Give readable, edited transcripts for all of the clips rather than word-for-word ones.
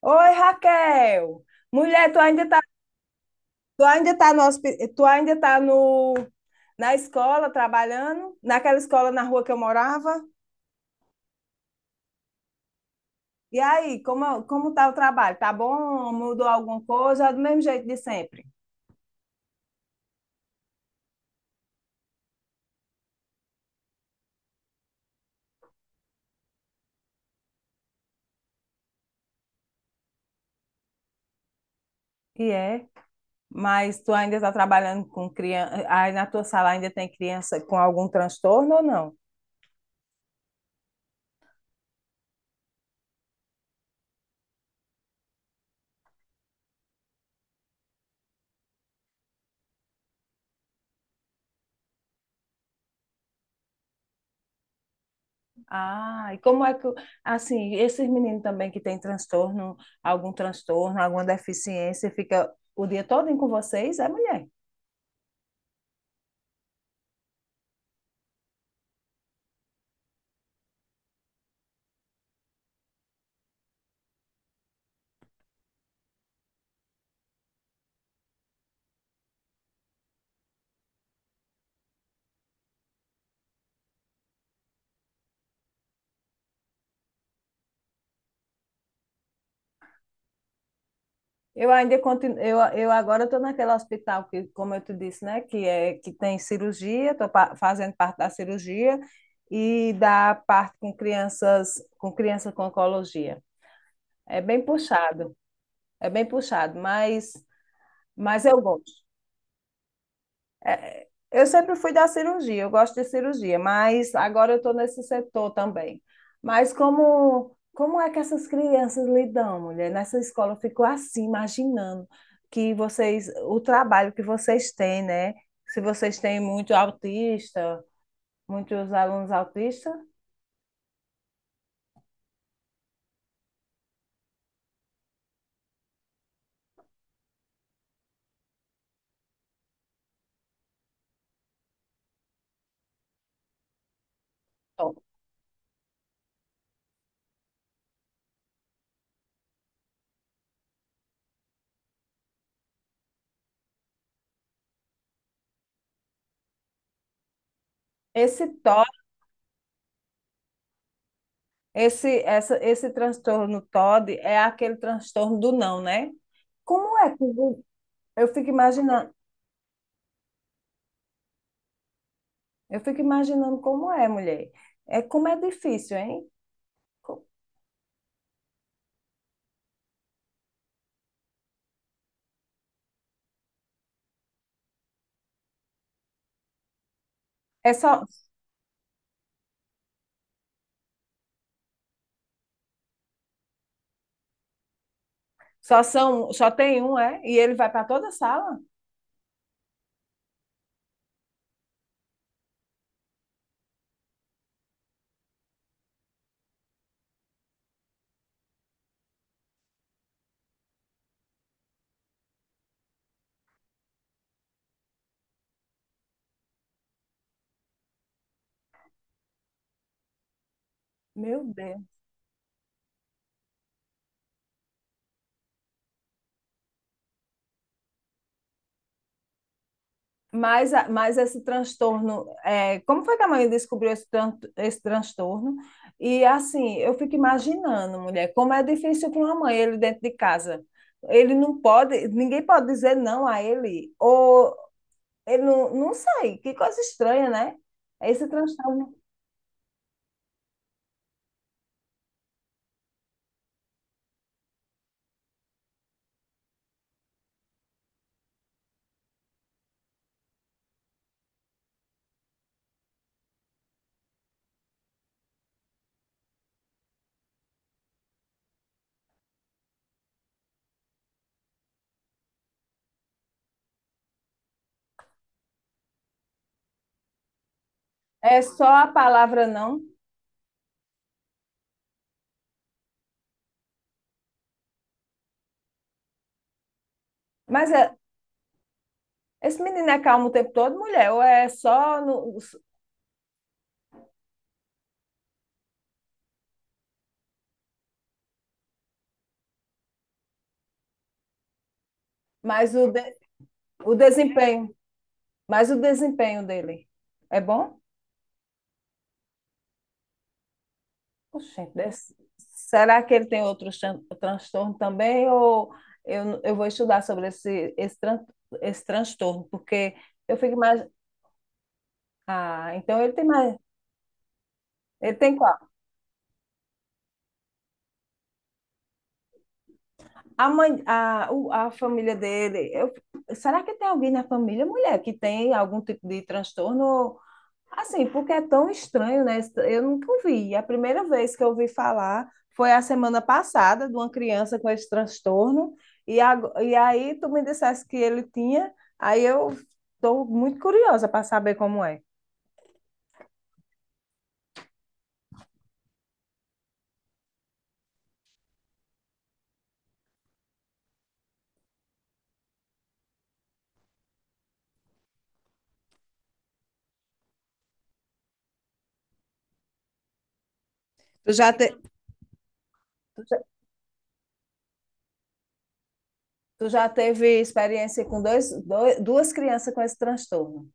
Oi, Raquel. Mulher, tu ainda tá no, na escola trabalhando, naquela escola na rua que eu morava? E aí, como tá o trabalho? Tá bom? Mudou alguma coisa? É do mesmo jeito de sempre. E é. Mas tu ainda tá trabalhando com criança, aí na tua sala ainda tem criança com algum transtorno ou não? Ah, assim, esses meninos também que têm transtorno, algum transtorno, alguma deficiência, fica o dia todo com vocês, é mulher. Eu ainda continuo, eu agora estou naquele hospital que, como eu te disse, né, que é que tem cirurgia, estou fazendo parte da cirurgia e da parte com crianças, com crianças com oncologia. É bem puxado, é bem puxado, mas eu gosto. É, eu sempre fui da cirurgia, eu gosto de cirurgia, mas agora eu estou nesse setor também. Mas como é que essas crianças lidam, mulher? Nessa escola eu fico assim, imaginando que vocês, o trabalho que vocês têm, né? Se vocês têm muito autista, muitos alunos autistas. Esse esse transtorno TOD é aquele transtorno do não, né? Como é? Que vo- Eu fico imaginando, eu fico imaginando como é, mulher. É como é difícil, hein? Co- É só, só são, só tem um, é? E ele vai para toda a sala? Meu Deus. Mas esse transtorno, é, como foi que a mãe descobriu esse transtorno? E assim, eu fico imaginando, mulher, como é difícil para uma mãe ele dentro de casa. Ele não pode, ninguém pode dizer não a ele. Ou ele não, não sei, que coisa estranha, né? Esse transtorno é só a palavra não. Mas é- esse menino é calmo o tempo todo, mulher, ou é só no, mas o, de- o desempenho, mas o desempenho dele é bom? Oxente, será que ele tem outros transtorno também? Ou eu vou estudar sobre esse transtorno, porque eu fico mais. Ah, então ele tem mais. Ele tem qual? A mãe, a, o- a família dele. Será que tem alguém na família, mulher, que tem algum tipo de transtorno? Assim, porque é tão estranho, né? Eu nunca ouvi. A primeira vez que eu ouvi falar foi a semana passada de uma criança com esse transtorno. E, e aí tu me dissesse que ele tinha, aí eu estou muito curiosa para saber como é. Tu já te... Tu já, tu já teve experiência com duas crianças com esse transtorno?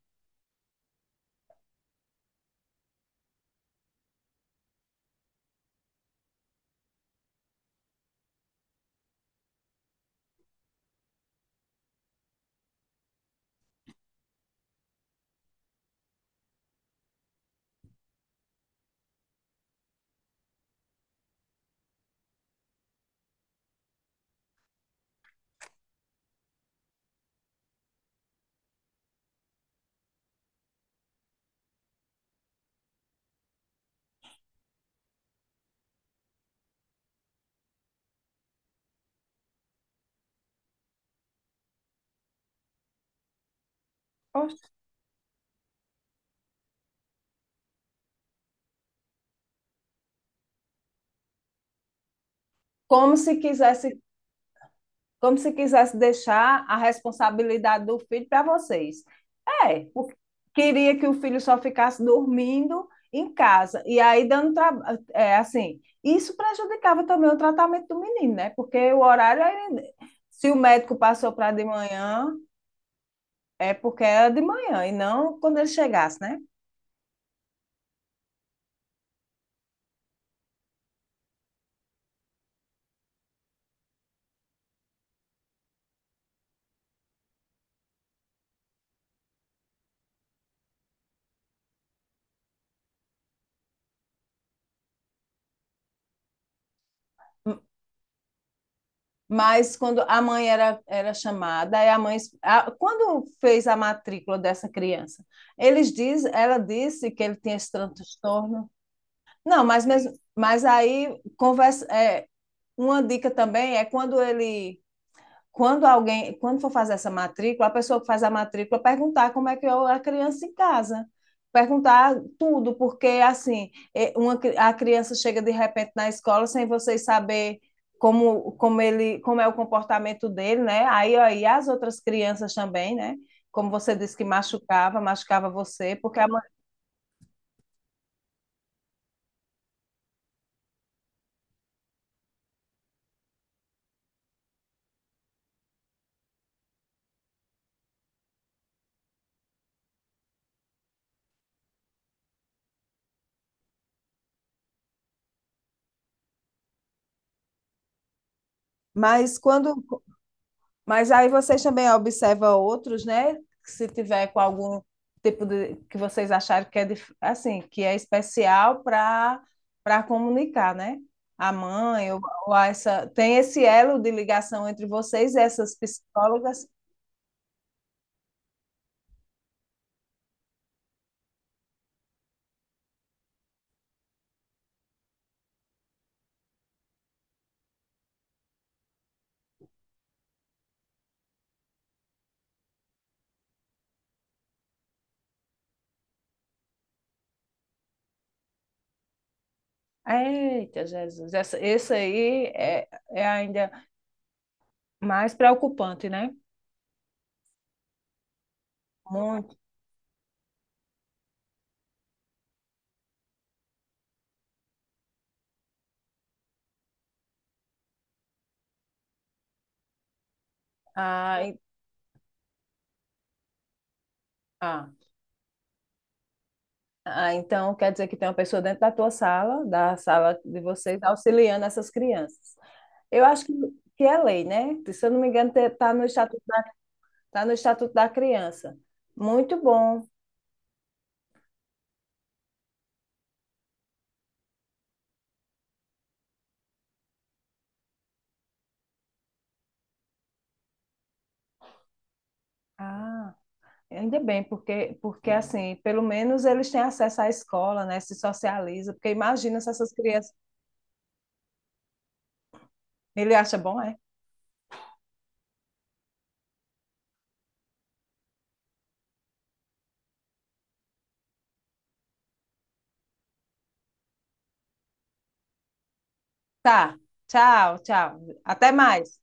Oxe. Como se quisesse como se quisesse deixar a responsabilidade do filho para vocês. É, porque queria que o filho só ficasse dormindo em casa e aí dando trabalho, é, assim, isso prejudicava também o tratamento do menino, né? Porque o horário ele- se o médico passou para de manhã, é porque era de manhã e não quando ele chegasse, né? Mas quando era chamada, quando fez a matrícula dessa criança, ela disse que ele tinha esse transtorno. Não, mas mesmo, mas aí conversa, é, uma dica também é quando ele quando alguém, quando for fazer essa matrícula, a pessoa que faz a matrícula perguntar como é que é a criança em casa. Perguntar tudo, porque assim, é, uma, a criança chega de repente na escola sem vocês saber como, como ele, como é o comportamento dele, né? Aí as outras crianças também, né? Como você disse que machucava, machucava você, porque a... mãe... mas quando Mas aí vocês também observam outros, né? Se tiver com algum tipo de que vocês acharem que é assim, que é especial para comunicar, né? A mãe ou, ou a essa tem esse elo de ligação entre vocês e essas psicólogas. Eita, Jesus, essa, esse aí é, é ainda mais preocupante, né? Muito. Ah, e- ah. Ah, então quer dizer que tem uma pessoa dentro da tua sala, da sala de vocês, auxiliando essas crianças. Eu acho que é lei, né? Se eu não me engano, está no estatuto, tá no estatuto da criança. Muito bom. Ah, ainda bem, porque, porque assim, pelo menos eles têm acesso à escola, né? Se socializa, porque imagina se essas crianças. Ele acha bom, é? Tá. Tchau, tchau. Até mais.